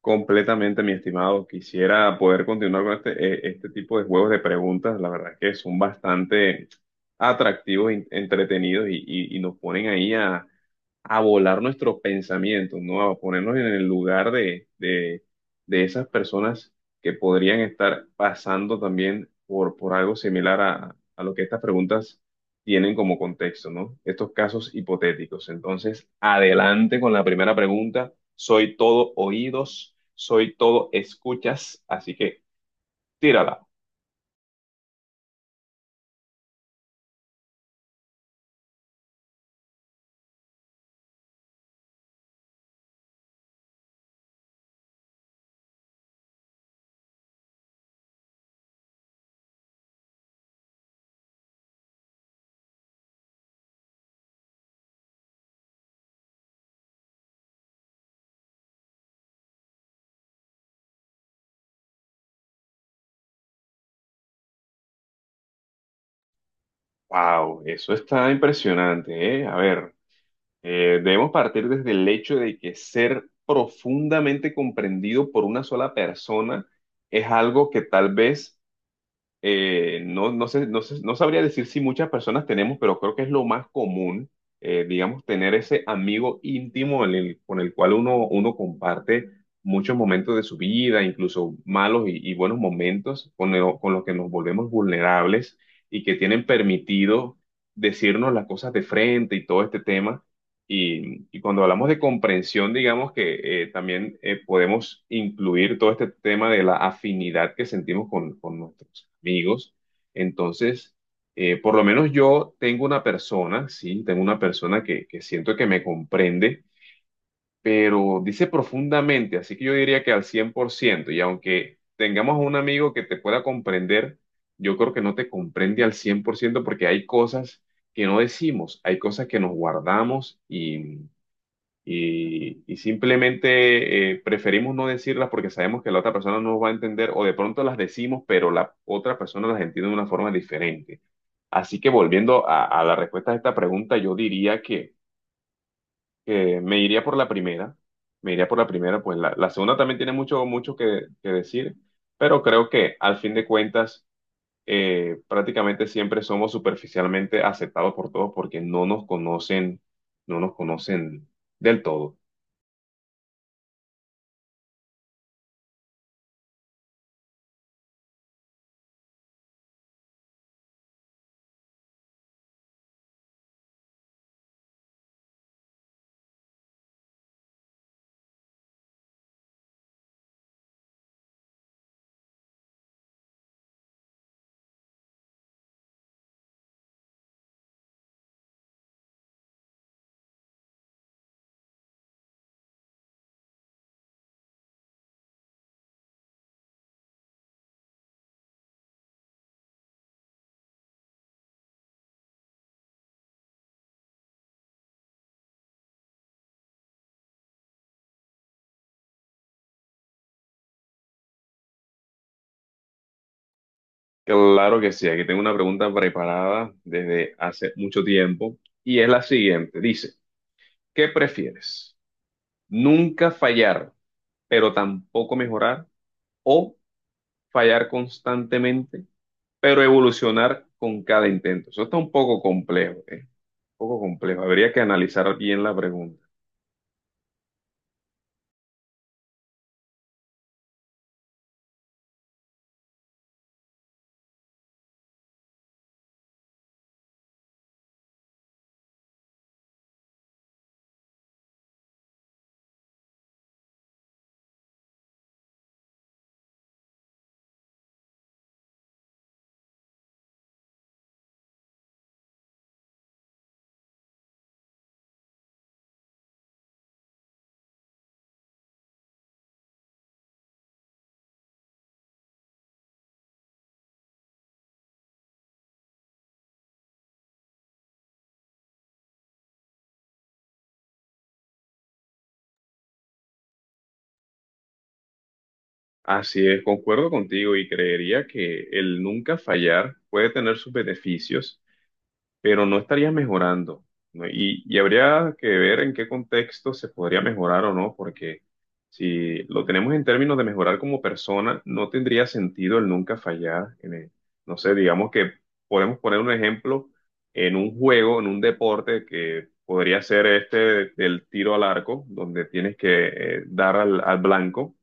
Completamente, mi estimado. Quisiera poder continuar con este tipo de juegos de preguntas. La verdad que son bastante atractivos, entretenidos y nos ponen ahí a volar nuestros pensamientos, ¿no? A ponernos en el lugar de esas personas que podrían estar pasando también por algo similar a lo que estas preguntas tienen como contexto, ¿no? Estos casos hipotéticos. Entonces, adelante con la primera pregunta. Soy todo oídos, soy todo escuchas, así que tírala. Wow, eso está impresionante, ¿eh? A ver. Debemos partir desde el hecho de que ser profundamente comprendido por una sola persona es algo que tal vez, no sabría decir si muchas personas tenemos, pero creo que es lo más común, digamos, tener ese amigo íntimo con el cual uno comparte muchos momentos de su vida, incluso malos y buenos momentos, con los que nos volvemos vulnerables y que tienen permitido decirnos las cosas de frente y todo este tema y cuando hablamos de comprensión, digamos que también podemos incluir todo este tema de la afinidad que sentimos con nuestros amigos. Entonces, por lo menos yo tengo una persona, sí, tengo una persona que siento que me comprende, pero dice profundamente, así que yo diría que al 100% y aunque tengamos un amigo que te pueda comprender, yo creo que no te comprende al 100% porque hay cosas que no decimos, hay cosas que nos guardamos y simplemente preferimos no decirlas porque sabemos que la otra persona no nos va a entender o de pronto las decimos, pero la otra persona las entiende de una forma diferente. Así que volviendo a la respuesta a esta pregunta, yo diría que me iría por la primera, me iría por la primera, pues la segunda también tiene mucho, mucho que decir, pero creo que al fin de cuentas, prácticamente siempre somos superficialmente aceptados por todos porque no nos conocen, no nos conocen del todo. Claro que sí, aquí tengo una pregunta preparada desde hace mucho tiempo y es la siguiente. Dice, ¿qué prefieres? ¿Nunca fallar, pero tampoco mejorar? ¿O fallar constantemente, pero evolucionar con cada intento? Eso está un poco complejo, ¿eh? Un poco complejo. Habría que analizar bien la pregunta. Así es, concuerdo contigo y creería que el nunca fallar puede tener sus beneficios pero no estaría mejorando, ¿no? Y habría que ver en qué contexto se podría mejorar o no, porque si lo tenemos en términos de mejorar como persona, no tendría sentido el nunca fallar. No sé, digamos que podemos poner un ejemplo en un juego, en un deporte que podría ser este del tiro al arco, donde tienes que dar al blanco.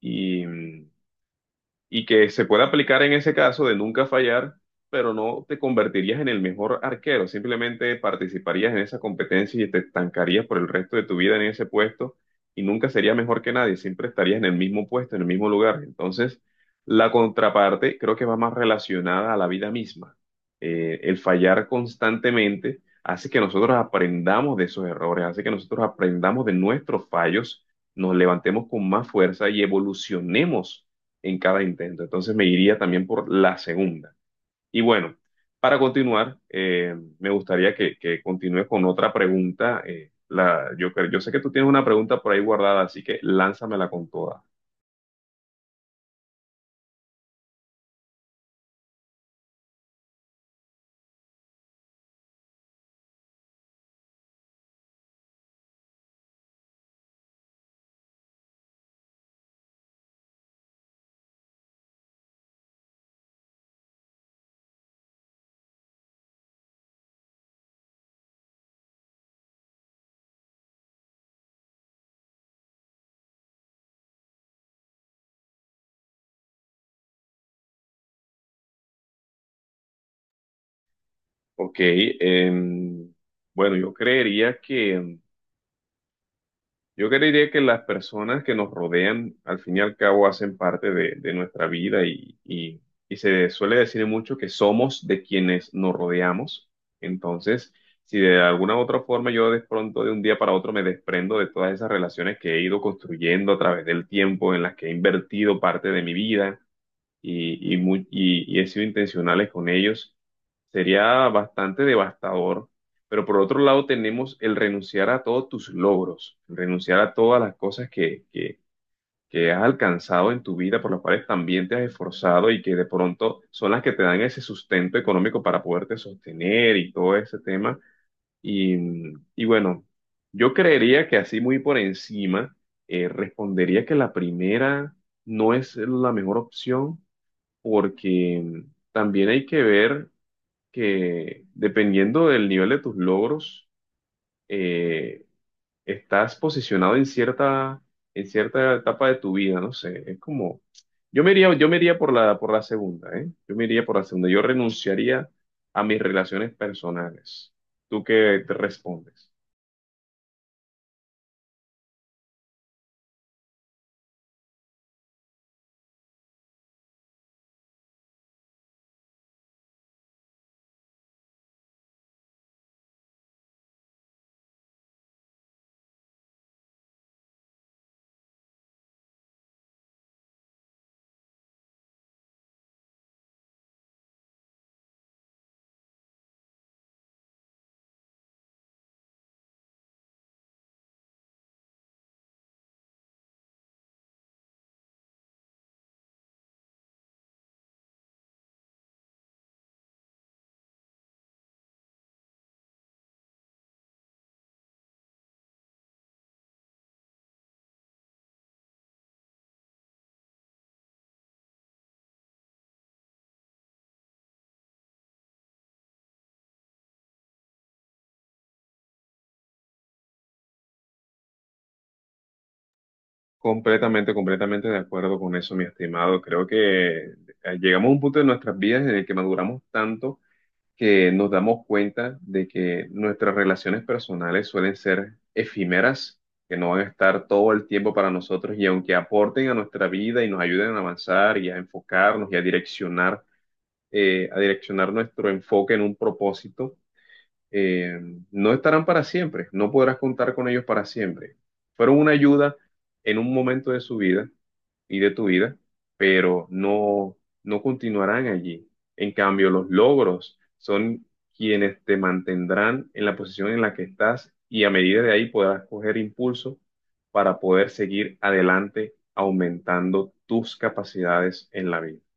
Y, mm, y que se puede aplicar en ese caso de nunca fallar, pero no te convertirías en el mejor arquero, simplemente participarías en esa competencia y te estancarías por el resto de tu vida en ese puesto y nunca serías mejor que nadie, siempre estarías en el mismo puesto, en el mismo lugar. Entonces, la contraparte creo que va más relacionada a la vida misma. El fallar constantemente hace que nosotros aprendamos de esos errores, hace que nosotros aprendamos de nuestros fallos, nos levantemos con más fuerza y evolucionemos en cada intento. Entonces me iría también por la segunda. Y bueno, para continuar, me gustaría que continúe con otra pregunta. Yo sé que tú tienes una pregunta por ahí guardada, así que lánzamela con toda. Ok, bueno, yo creería que las personas que nos rodean, al fin y al cabo, hacen parte de nuestra vida y se suele decir mucho que somos de quienes nos rodeamos. Entonces, si de alguna u otra forma yo de pronto de un día para otro me desprendo de todas esas relaciones que he ido construyendo a través del tiempo, en las que he invertido parte de mi vida, y he sido intencionales con ellos, sería bastante devastador. Pero por otro lado tenemos el renunciar a todos tus logros, el renunciar a todas las cosas que has alcanzado en tu vida, por las cuales también te has esforzado y que de pronto son las que te dan ese sustento económico para poderte sostener y todo ese tema. Y, y bueno, yo creería que así muy por encima, respondería que la primera no es la mejor opción porque también hay que ver que dependiendo del nivel de tus logros, eh, estás posicionado en cierta etapa de tu vida, no sé, es como, yo me iría por la segunda, ¿eh? Yo me iría por la segunda, yo renunciaría a mis relaciones personales. ¿Tú qué te respondes? Completamente, completamente de acuerdo con eso, mi estimado. Creo que llegamos a un punto de nuestras vidas en el que maduramos tanto que nos damos cuenta de que nuestras relaciones personales suelen ser efímeras, que no van a estar todo el tiempo para nosotros y aunque aporten a nuestra vida y nos ayuden a avanzar y a enfocarnos y a direccionar, nuestro enfoque en un propósito. Eh, no estarán para siempre, no podrás contar con ellos para siempre. Fueron una ayuda en un momento de su vida y de tu vida, pero no continuarán allí. En cambio, los logros son quienes te mantendrán en la posición en la que estás y a medida de ahí podrás coger impulso para poder seguir adelante aumentando tus capacidades en la vida.